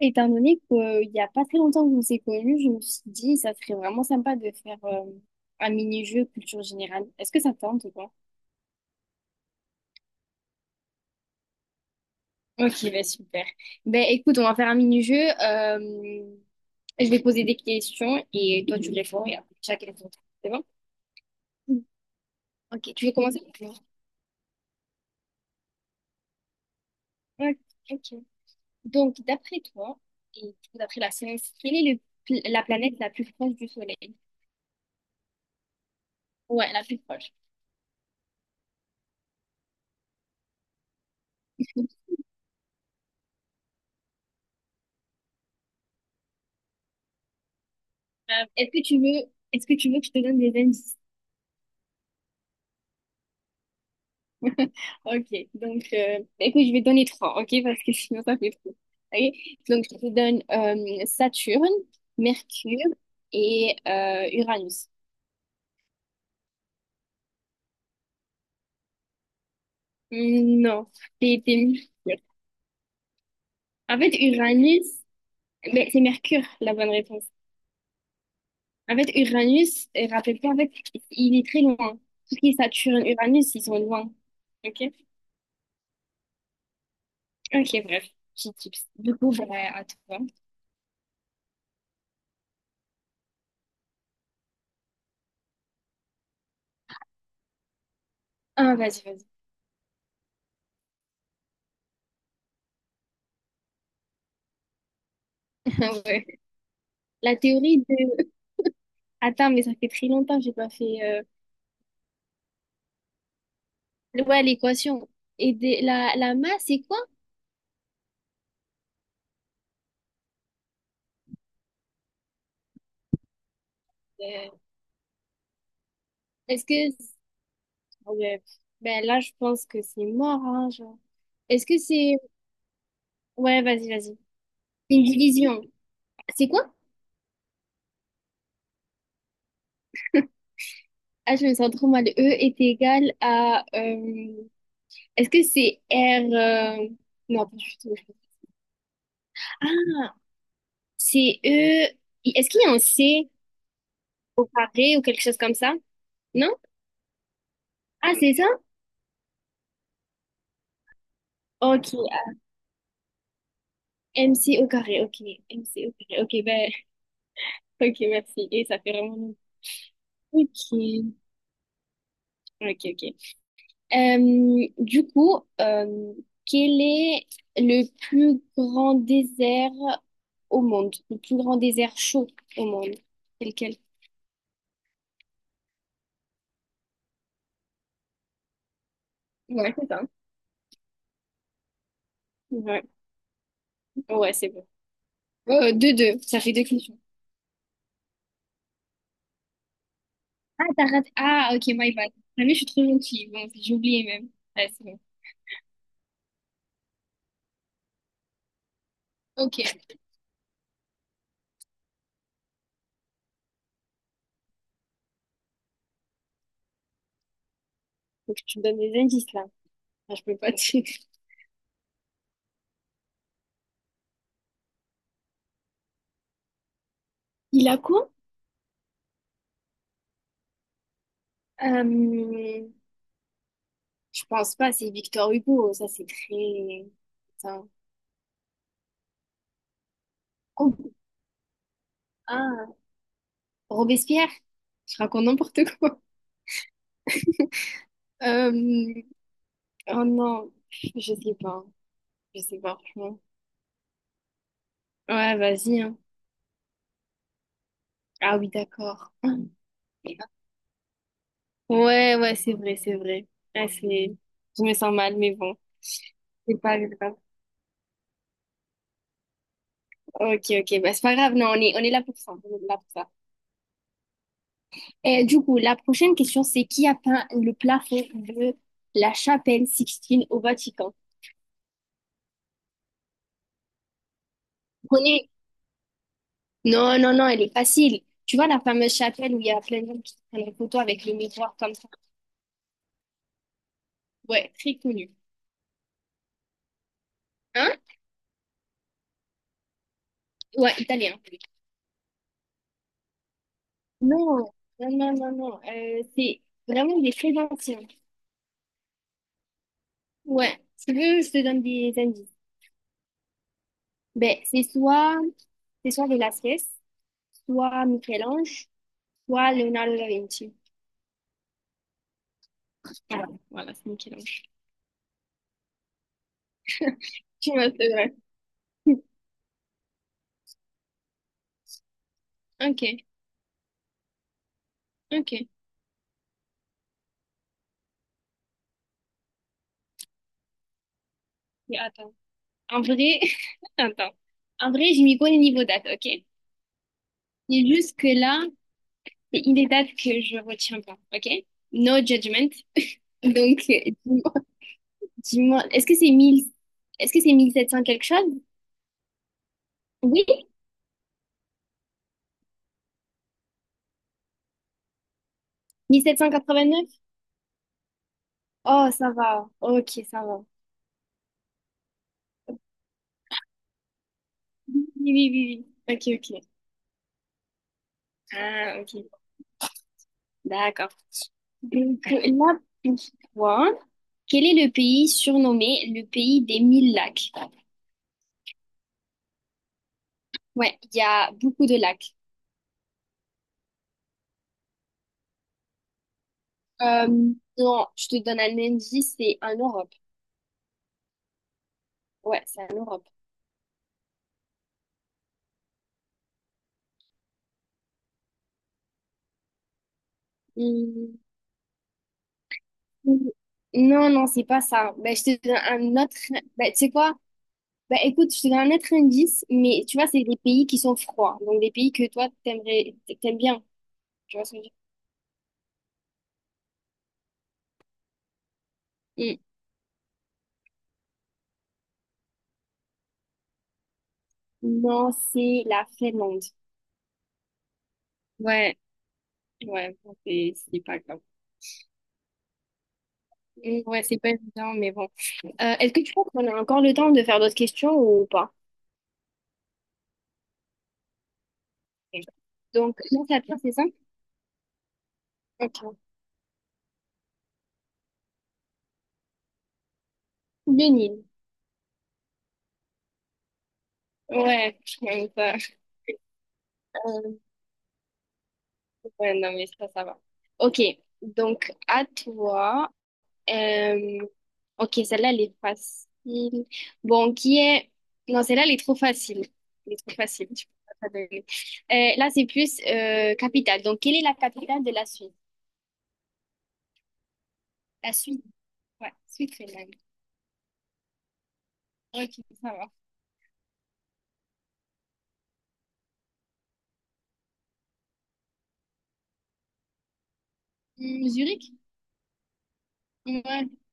Étant donné qu'il n'y a pas très longtemps que vous s'est connus, je me suis dit, ça serait vraiment sympa de faire un mini-jeu culture générale. Est-ce que ça te tente ou pas? Ok, bah super. Ben écoute, on va faire un mini-jeu. Je vais poser des questions et toi tu réponds et après chacun son tour. C'est bon? Mm. Ok, tu veux commencer? Ok. Ok. Donc, d'après toi, et du coup, d'après la science, quelle est la planète la plus proche du Soleil? Ouais, la plus proche. Est-ce que tu veux, est-ce que tu veux que je te donne des indices? Ok, donc bah, écoute, je vais donner trois, ok, parce que sinon ça fait trop. Ok, donc je te donne Saturne, Mercure et Uranus. Hmm, non, c'était Mercure. En fait, Uranus, ben, c'est Mercure la bonne réponse. En fait, Uranus, rappelle-toi, en fait, il est très loin. Tout ce qui est Saturne, Uranus, ils sont loin. Ok, ok, bref, petit tips. Du coup, ben, à toi. Ah, vas-y, vas-y. Ouais. La théorie de... Attends, mais ça fait très longtemps que j'ai pas fait... ouais, l'équation. La masse, c'est quoi? Euh, Est-ce que... ouais. Ben là, je pense que c'est mort, hein, genre. Est-ce que c'est... Ouais, vas-y, vas-y. Une division. C'est quoi? Ah, je me sens trop mal. E est égal à... est-ce que c'est R... euh, non, pas du tout. Ah, c'est E... Est-ce qu'il y a un C carré ou quelque chose comme ça? Non? Ah, c'est ça? Ok. M c au carré, ok. M c au carré, ok, ben... Ok, merci. Et ça fait vraiment... Ok. Ok, ok. Euh, du coup, euh, quel est le plus grand désert au monde? Le plus grand désert chaud au monde? C'est lequel? Ouais, c'est ça. Ouais, ouais, c'est bon. Deux, deux. Ça fait deux questions. Ah, t'as raté. Ah, ok, my bad. Ah, mais je suis trop gentille. Bon, j'ai oublié même. Ouais, c'est bon. Ok. Faut que tu me donnes des indices, là. Enfin, je peux pas te... Il a quoi? Euh, je pense pas, c'est Victor Hugo. Ça, c'est très... Ça... Oh. Ah. Robespierre? Je raconte n'importe quoi. Euh, oh non, je sais pas. Je sais pas, franchement. Ouais, vas-y, hein. Ah oui, d'accord. Ouais, ouais, c'est vrai, c'est vrai. Ah, c'est... Je me sens mal, mais bon. C'est pas grave. Ok, ok, bah, c'est pas grave. Non, on est là pour ça. On est là pour ça. Et du coup, la prochaine question, c'est qui a peint le plafond de la chapelle Sixtine au Vatican? Connais? Non, non, non, elle est facile. Tu vois la fameuse chapelle où il y a plein de gens qui prennent une photo avec le miroir comme ça? Ouais, très connu. Hein? Ouais, italien. Non, non, non, non, non. C'est vraiment, il est très ancien. Ouais, si tu veux, je te donne des indices. Ben, c'est soit, c'est soit Velázquez, soit Michel-Ange, soit Leonardo da Vinci. Voilà, voilà, c'est Michel-Ange. Tu vois c'est vrai. Ok, ok. Mais attends. En vrai, attends. En vrai, je m'y connais niveau date, ok? C'est juste que là, il y a des dates que je retiens pas, ok? No judgment. Donc, euh, dis-moi, est-ce que c'est 1700 quelque chose? Oui, 1789. Oh, ça va. Ok, ça va. Oui, oui, oui, oui. Ok, ok. Ah, ok. D'accord. Donc là, pour toi, quel est le pays surnommé le pays des mille lacs? Ouais, il y a beaucoup de lacs. Euh, non, je te donne un indice, c'est en Europe. Ouais, c'est en Europe. Hum, Non, non, c'est pas ça. Ben, je te donne un autre. Ben, tu sais quoi? Bah écoute, je te donne un autre indice, mais tu vois, c'est des pays qui sont froids, donc des pays que toi, t'aimerais, t'aimes bien. Tu vois ce que je veux dire? Mm. Non, c'est la Finlande. Ouais, ouais, bon, c'est pas grave. Mm, ouais, c'est pas évident, mais bon. Est-ce que tu penses qu'on a encore le temps de faire d'autres questions ou pas? Donc, non, ça pire, c'est ça? Ok. Le Nil. Ouais, ça. Euh, ouais, non, mais ça va. Ok, donc à toi. Euh, ok, celle-là, elle est facile. Bon, qui est... Non, celle-là, elle est trop facile. Elle est trop facile, tu peux pas te donner. Là, c'est plus capitale. Donc, quelle est la capitale de la Suisse? La Suisse. Ouais, Suisse finlande. Ok, ça va. Hmm, Zurich? Ouais.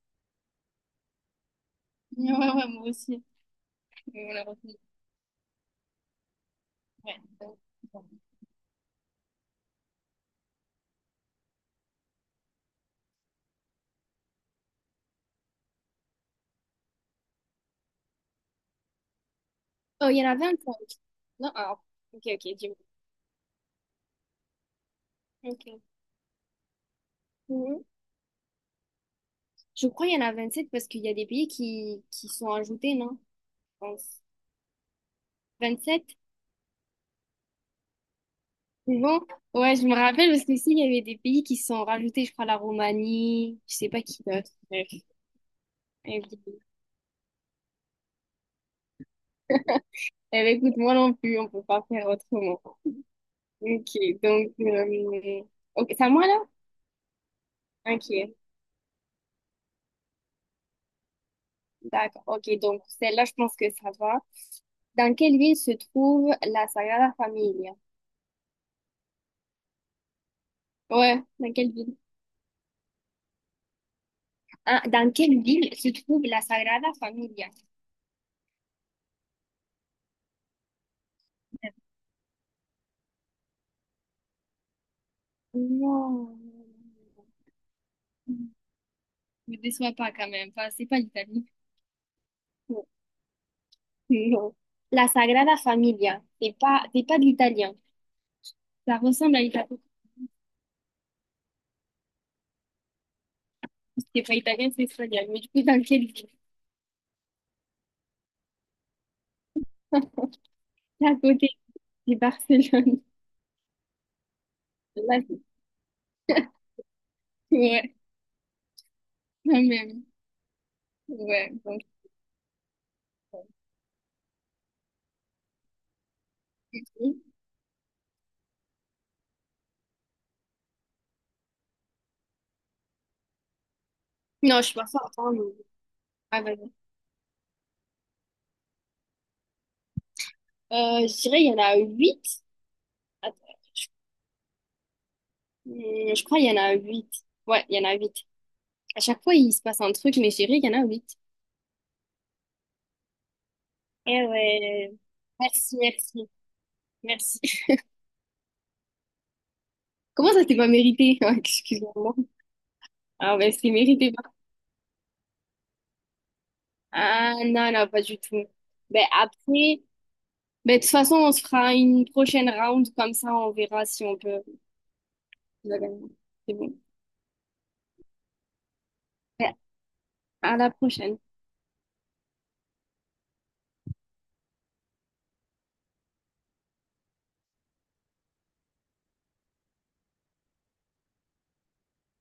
Ouais, ouais, ouais, moi aussi. Mais on l'a retenu. Ouais, donc, bon. Oh, il y en a 25. Non, ah, ok, ok, dis-moi. Ok. Mhm. Je crois qu'il y en a 27 parce qu'il y a des pays qui sont ajoutés, non? Je pense. 27? Bon, ouais, je me rappelle parce qu'ici, il y avait des pays qui se sont rajoutés, je crois, la Roumanie, je sais pas qui d'autre. Bref. Et puis, eh ben, écoute, moi non plus, on peut pas faire autrement. Ok, donc, ok, c'est à moi là? Ok, d'accord. Ok, donc celle-là, je pense que ça va. Dans quelle ville se trouve la Sagrada Familia? Ouais, dans quelle ville? Ah, dans quelle ville se trouve la Sagrada Familia? Non, ne me déçois pas quand même. Enfin, c'est pas l'Italie. Non. La Sagrada Familia, c'est pas de l'italien. Ça ressemble à l'italien. C'est pas italien, c'est espagnol. Mais du coup, dans quelle ville? C'est à côté, c'est Barcelone. Là, c'est- ouais, quand même. Ouais, donc. euh, Non, je suis pas forte, hein, mais- Ah, vas-y. Je dirais, il y en a huit. Attends, je, je crois qu'il y en a huit. Ouais, il y en a huit. À chaque fois, il se passe un truc, mais je dirais, il y en a huit. Eh ouais. Merci, merci, merci. Comment ça, t'es pas mérité? Excuse-moi. Ah ben, c'est mérité. Ah non, non, pas du tout. Ben après, ben, de toute façon, on se fera une prochaine round, comme ça on verra si on peut la gagner. C'est bon. Ben, à la prochaine.